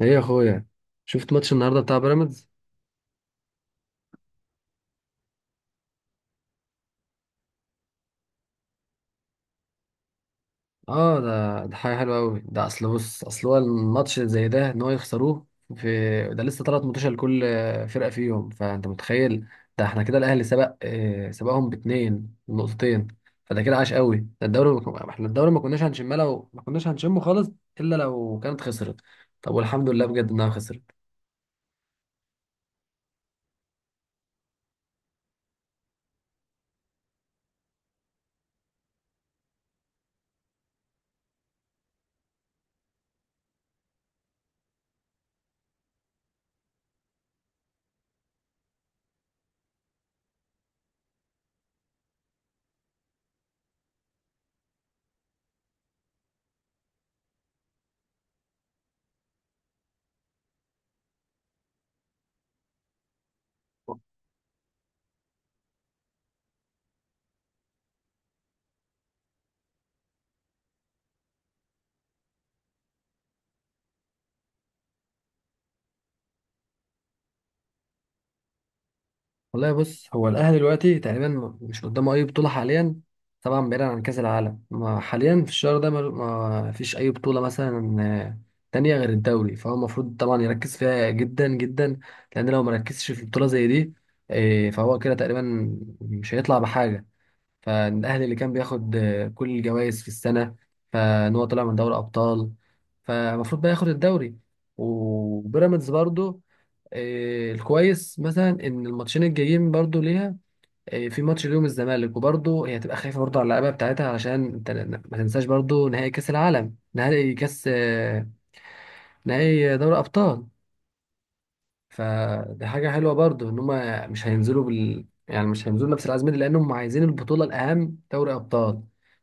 ايه يا اخويا؟ شفت ماتش النهارده بتاع بيراميدز؟ اه ده حاجه حلوه قوي. ده اصل بص، اصل هو الماتش زي ده ان هو يخسروه في. ده لسه ثلاث ماتشات لكل فرقه فيهم، فانت متخيل. ده احنا كده الاهلي سبق سبقهم باتنين نقطتين. فده كده عاش قوي ده الدوري، ما كنا- احنا الدوري ما كناش هنشمه، لو ما كناش هنشمه خالص الا لو كانت خسرت. طب والحمد لله بجد انها خسرت. والله بص، هو الاهلي دلوقتي تقريبا مش قدامه اي بطوله حاليا. طبعا بعيدا عن كاس العالم، ما حاليا في الشهر ده ما فيش اي بطوله مثلا تانية غير الدوري، فهو المفروض طبعا يركز فيها جدا جدا. لان لو مركزش في بطوله زي دي، فهو كده تقريبا مش هيطلع بحاجه. فالاهلي اللي كان بياخد كل الجوائز في السنه، فان هو طلع من دوري ابطال، فالمفروض بقى ياخد الدوري. وبيراميدز برضو، الكويس مثلا ان الماتشين الجايين برضو ليها، في ماتش اليوم الزمالك، وبرضو هي هتبقى خايفه برضو على اللعيبه بتاعتها، علشان انت ما تنساش برضو نهائي كاس العالم، نهائي كاس نهائي دوري ابطال. فدي حاجة حلوة برضو ان هم مش هينزلوا بال، يعني مش هينزلوا نفس العزم دي، لانهم عايزين البطولة الاهم دوري ابطال.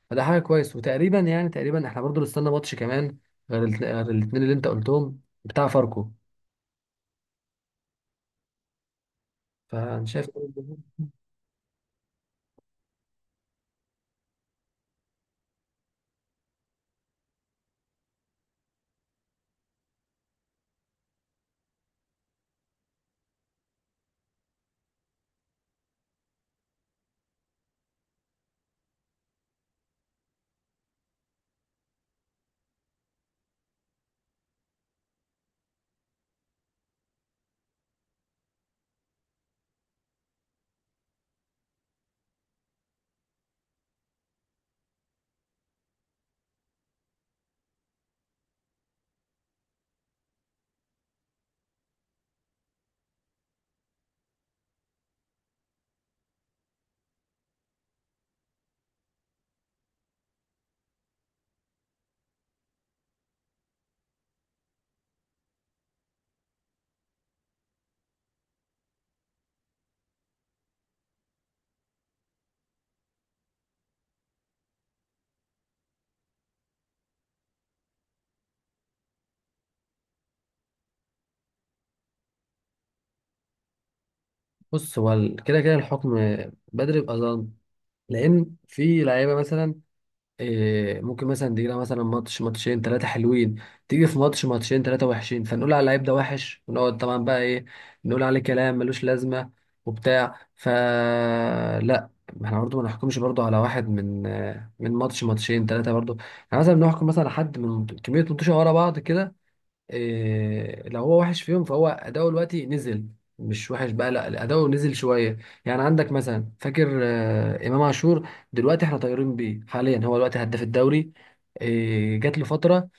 فده حاجة كويس. وتقريبا يعني تقريبا احنا برضو نستنى ماتش كمان غير الاتنين اللي انت قلتهم بتاع فاركو. فانا شايف، بص هو كده كده الحكم بدري بأذان. لان في لعيبة مثلا ممكن مثلا تجي لها مثلا ماتش، ماتشين، ثلاثة حلوين، تيجي في ماتش، ماتشين، ثلاثة وحشين، فنقول على اللعيب ده وحش، ونقعد طبعا بقى ايه، نقول عليه كلام ملوش لازمة وبتاع، فلا. احنا برضه ما نحكمش برضه على واحد من ماتش، ماتشين، ثلاثة برضه. احنا مثلا بنحكم مثلا على حد من كمية ماتشات ورا بعض كده. لو هو وحش فيهم فهو اداؤه دلوقتي نزل، مش وحش بقى، لا اداؤه نزل شويه. يعني عندك مثلا، فاكر امام عاشور؟ دلوقتي احنا طايرين بيه حاليا، هو دلوقتي هداف الدوري. جات له فتره،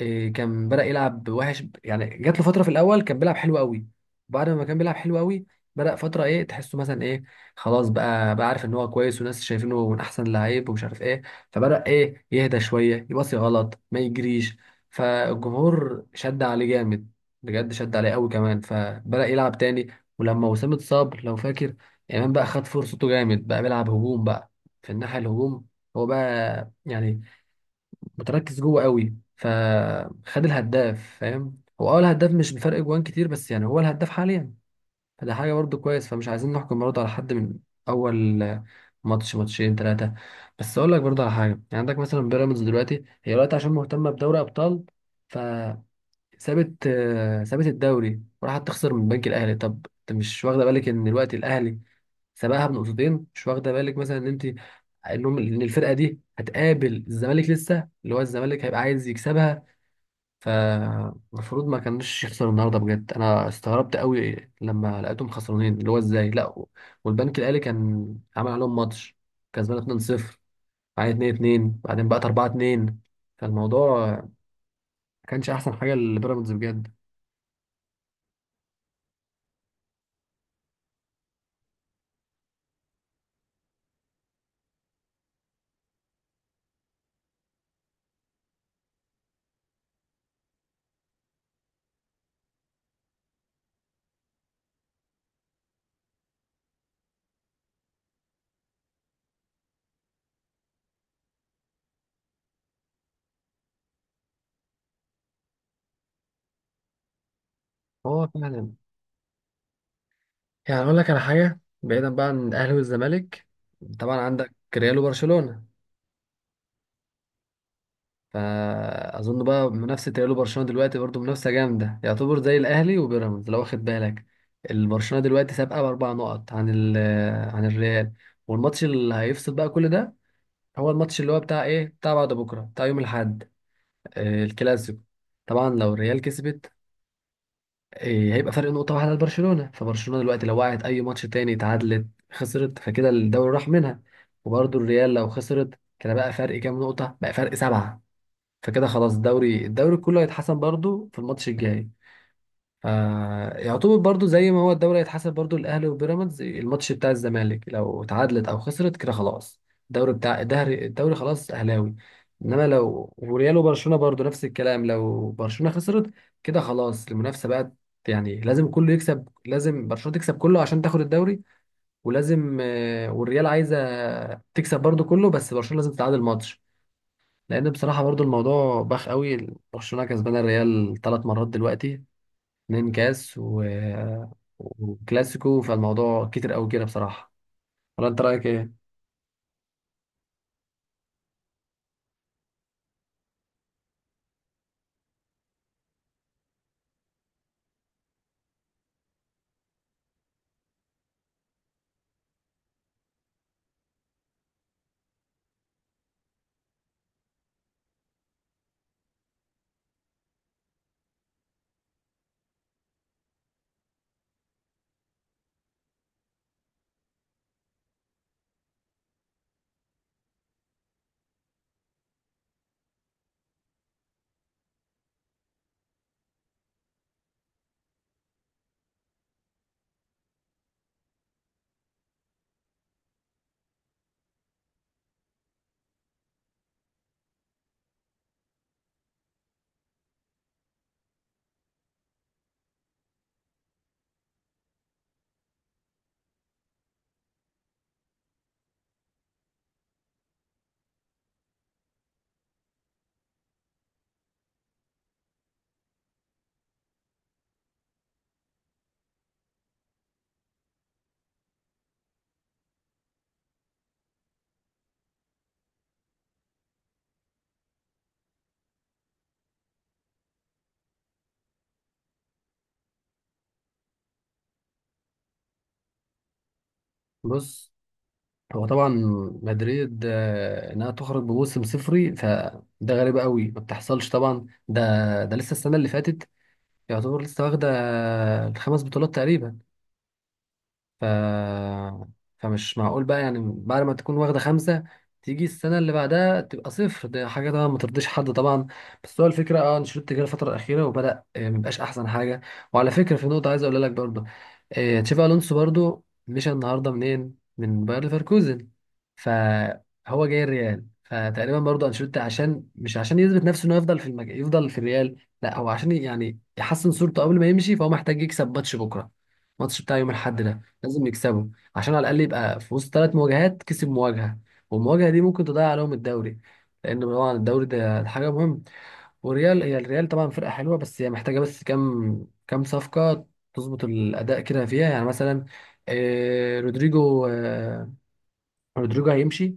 كان بدأ يلعب وحش. يعني جات له فترة في الأول كان بيلعب حلو قوي، بعد ما كان بيلعب حلو قوي بدأ فترة إيه، تحسه مثلا إيه، خلاص بقى عارف إن هو كويس، وناس شايفينه من أحسن اللعيب، ومش عارف إيه، فبدأ إيه يهدى شوية، يباصي غلط، ما يجريش. فالجمهور شد عليه جامد، بجد شد عليه قوي كمان، فبدأ يلعب تاني. ولما وسام اتصاب، لو فاكر، إمام بقى خد فرصته جامد، بقى بيلعب هجوم بقى، في الناحية الهجوم. هو بقى يعني متركز جوه قوي، فخد الهداف، فاهم؟ هو الهداف مش بفرق جوان كتير، بس يعني هو الهداف حاليا. فده حاجه برضو كويس. فمش عايزين نحكم برضو على حد من اول ماتش، ماتشين، ثلاثه. بس اقول لك برضو على حاجه، يعني عندك مثلا بيراميدز دلوقتي، هي دلوقتي عشان مهتمه بدوري ابطال، فسابت، سابت الدوري وراحت تخسر من البنك الاهلي. طب انت مش واخده بالك ان دلوقتي الاهلي سبقها بنقطتين؟ مش واخده بالك مثلا ان انت انهم ان الفرقه دي هتقابل الزمالك لسه، اللي هو الزمالك هيبقى عايز يكسبها؟ فالمفروض ما كانش يخسر النهارده. بجد انا استغربت قوي لما لقيتهم خسرانين، اللي هو ازاي؟ لا، والبنك الاهلي كان عمل عليهم ماتش، كسبان 2-0 بعدين 2-2 بعدين بقت 4-2. فالموضوع ما كانش احسن حاجه لبيراميدز بجد. هو فعلا. يعني اقول لك على حاجه بعيدا بقى عن الاهلي والزمالك، طبعا عندك ريال وبرشلونه، فاظن بقى منافسه ريال وبرشلونه دلوقتي برضو منافسه جامده، يعتبر زي الاهلي وبيراميدز لو واخد بالك. البرشلونه دلوقتي سابقه باربع نقط عن الريال، والماتش اللي هيفصل بقى كل ده هو الماتش اللي هو بتاع ايه، بتاع بعد بكره، بتاع يوم الاحد، الكلاسيكو. طبعا لو الريال كسبت، هيبقى فرق نقطه واحده لبرشلونه، فبرشلونه دلوقتي لو وقعت اي ماتش تاني، اتعادلت، خسرت، فكده الدوري راح منها. وبرضو الريال لو خسرت، كده بقى فرق كام نقطه؟ بقى فرق سبعه. فكده خلاص الدوري كله هيتحسم برضو في الماتش الجاي. فيعتبر برضو زي ما هو الدوري هيتحسم، برضو الاهلي وبيراميدز الماتش بتاع الزمالك لو اتعادلت او خسرت، كده خلاص الدوري بتاع الدهري الدوري خلاص اهلاوي. انما لو وريال وبرشلونه برضو نفس الكلام، لو برشلونه خسرت كده خلاص المنافسه بقت، يعني لازم كله يكسب، لازم برشلونه تكسب كله عشان تاخد الدوري. ولازم والريال عايزه تكسب برضو كله، بس برشلونه لازم تتعادل ماتش، لان بصراحه برضو الموضوع باخ قوي. برشلونه كسبان الريال ثلاث مرات دلوقتي، اتنين كاس و... وكلاسيكو، فالموضوع كتير قوي كده بصراحه. ولا انت رايك ايه؟ بص، هو طبعا مدريد، انها تخرج بموسم صفري فده غريب قوي، ما بتحصلش طبعا. ده ده لسه السنه اللي فاتت يعتبر لسه واخده الخمس بطولات تقريبا، ف... فمش معقول بقى يعني بعد ما تكون واخدة خمسة تيجي السنة اللي بعدها تبقى صفر، ده حاجة طبعا ما ترضيش حد طبعا. بس هو الفكرة، انشيلوتي جه الفترة الأخيرة وبدأ مبقاش أحسن حاجة. وعلى فكرة في نقطة عايز أقولها لك برضه، تشافي ألونسو برضه مشى النهاردة منين؟ من باير ليفركوزن. فهو جاي الريال، فتقريبا برضه انشيلوتي عشان مش، عشان يثبت نفسه انه يفضل يفضل في الريال، لا هو عشان يعني يحسن صورته قبل ما يمشي. فهو محتاج يكسب ماتش بكره، الماتش بتاع يوم الاحد ده لازم يكسبوا، عشان على الاقل يبقى في وسط ثلاث مواجهات كسب مواجهه، والمواجهه دي ممكن تضيع عليهم الدوري. لان طبعا الدوري ده حاجه مهمه. والريال، هي الريال طبعا فرقه حلوه، بس هي محتاجه بس كام صفقه تظبط الاداء كده فيها. يعني مثلا رودريجو، رودريجو هيمشي.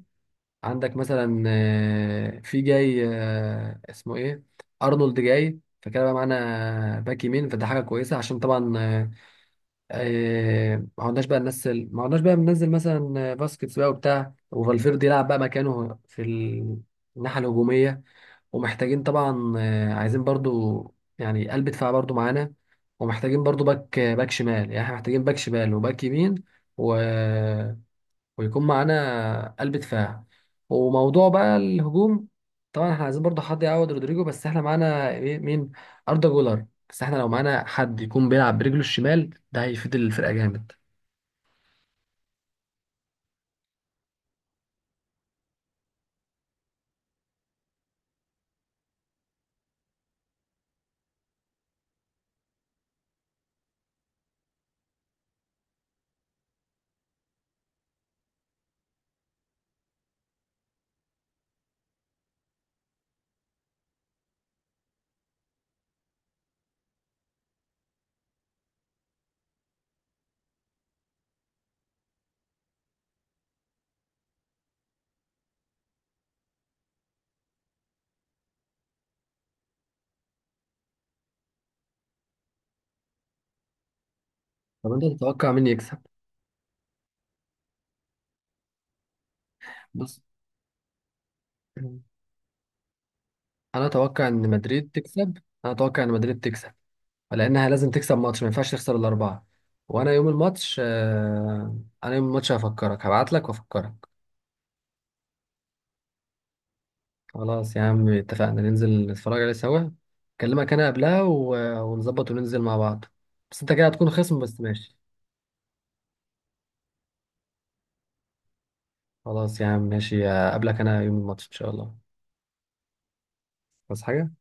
عندك مثلا في جاي اسمه ايه، ارنولد، جاي، فكده بقى معانا باك يمين، فده حاجه كويسه. عشان طبعا ما عدناش بقى بننزل مثلا باسكتس بقى وبتاع، وفالفيردي يلعب بقى مكانه في الناحية الهجومية. ومحتاجين طبعا عايزين برضو يعني قلب دفاع برضو معانا. ومحتاجين برضو باك شمال، يعني احنا محتاجين باك شمال وباك يمين، و... ويكون معانا قلب دفاع. وموضوع بقى الهجوم، طبعا احنا عايزين برضه حد يعوض رودريجو، بس احنا معانا مين؟ أردا جولر. بس احنا لو معانا حد يكون بيلعب برجله الشمال ده هيفيد الفرقة جامد. طب انت تتوقع مين يكسب؟ بص، انا اتوقع ان مدريد تكسب، انا اتوقع ان مدريد تكسب، لانها لازم تكسب ماتش، ما ينفعش تخسر الاربعة. وانا يوم الماتش آه، انا يوم الماتش هفكرك، هبعت لك وافكرك. خلاص يا عم، اتفقنا ننزل نتفرج عليه سوا. اكلمك انا قبلها و... ونظبط وننزل مع بعض، بس انت كده هتكون خصم، بس ماشي. خلاص يا عم ماشي، اقابلك انا يوم الماتش ان شاء الله. بس حاجة.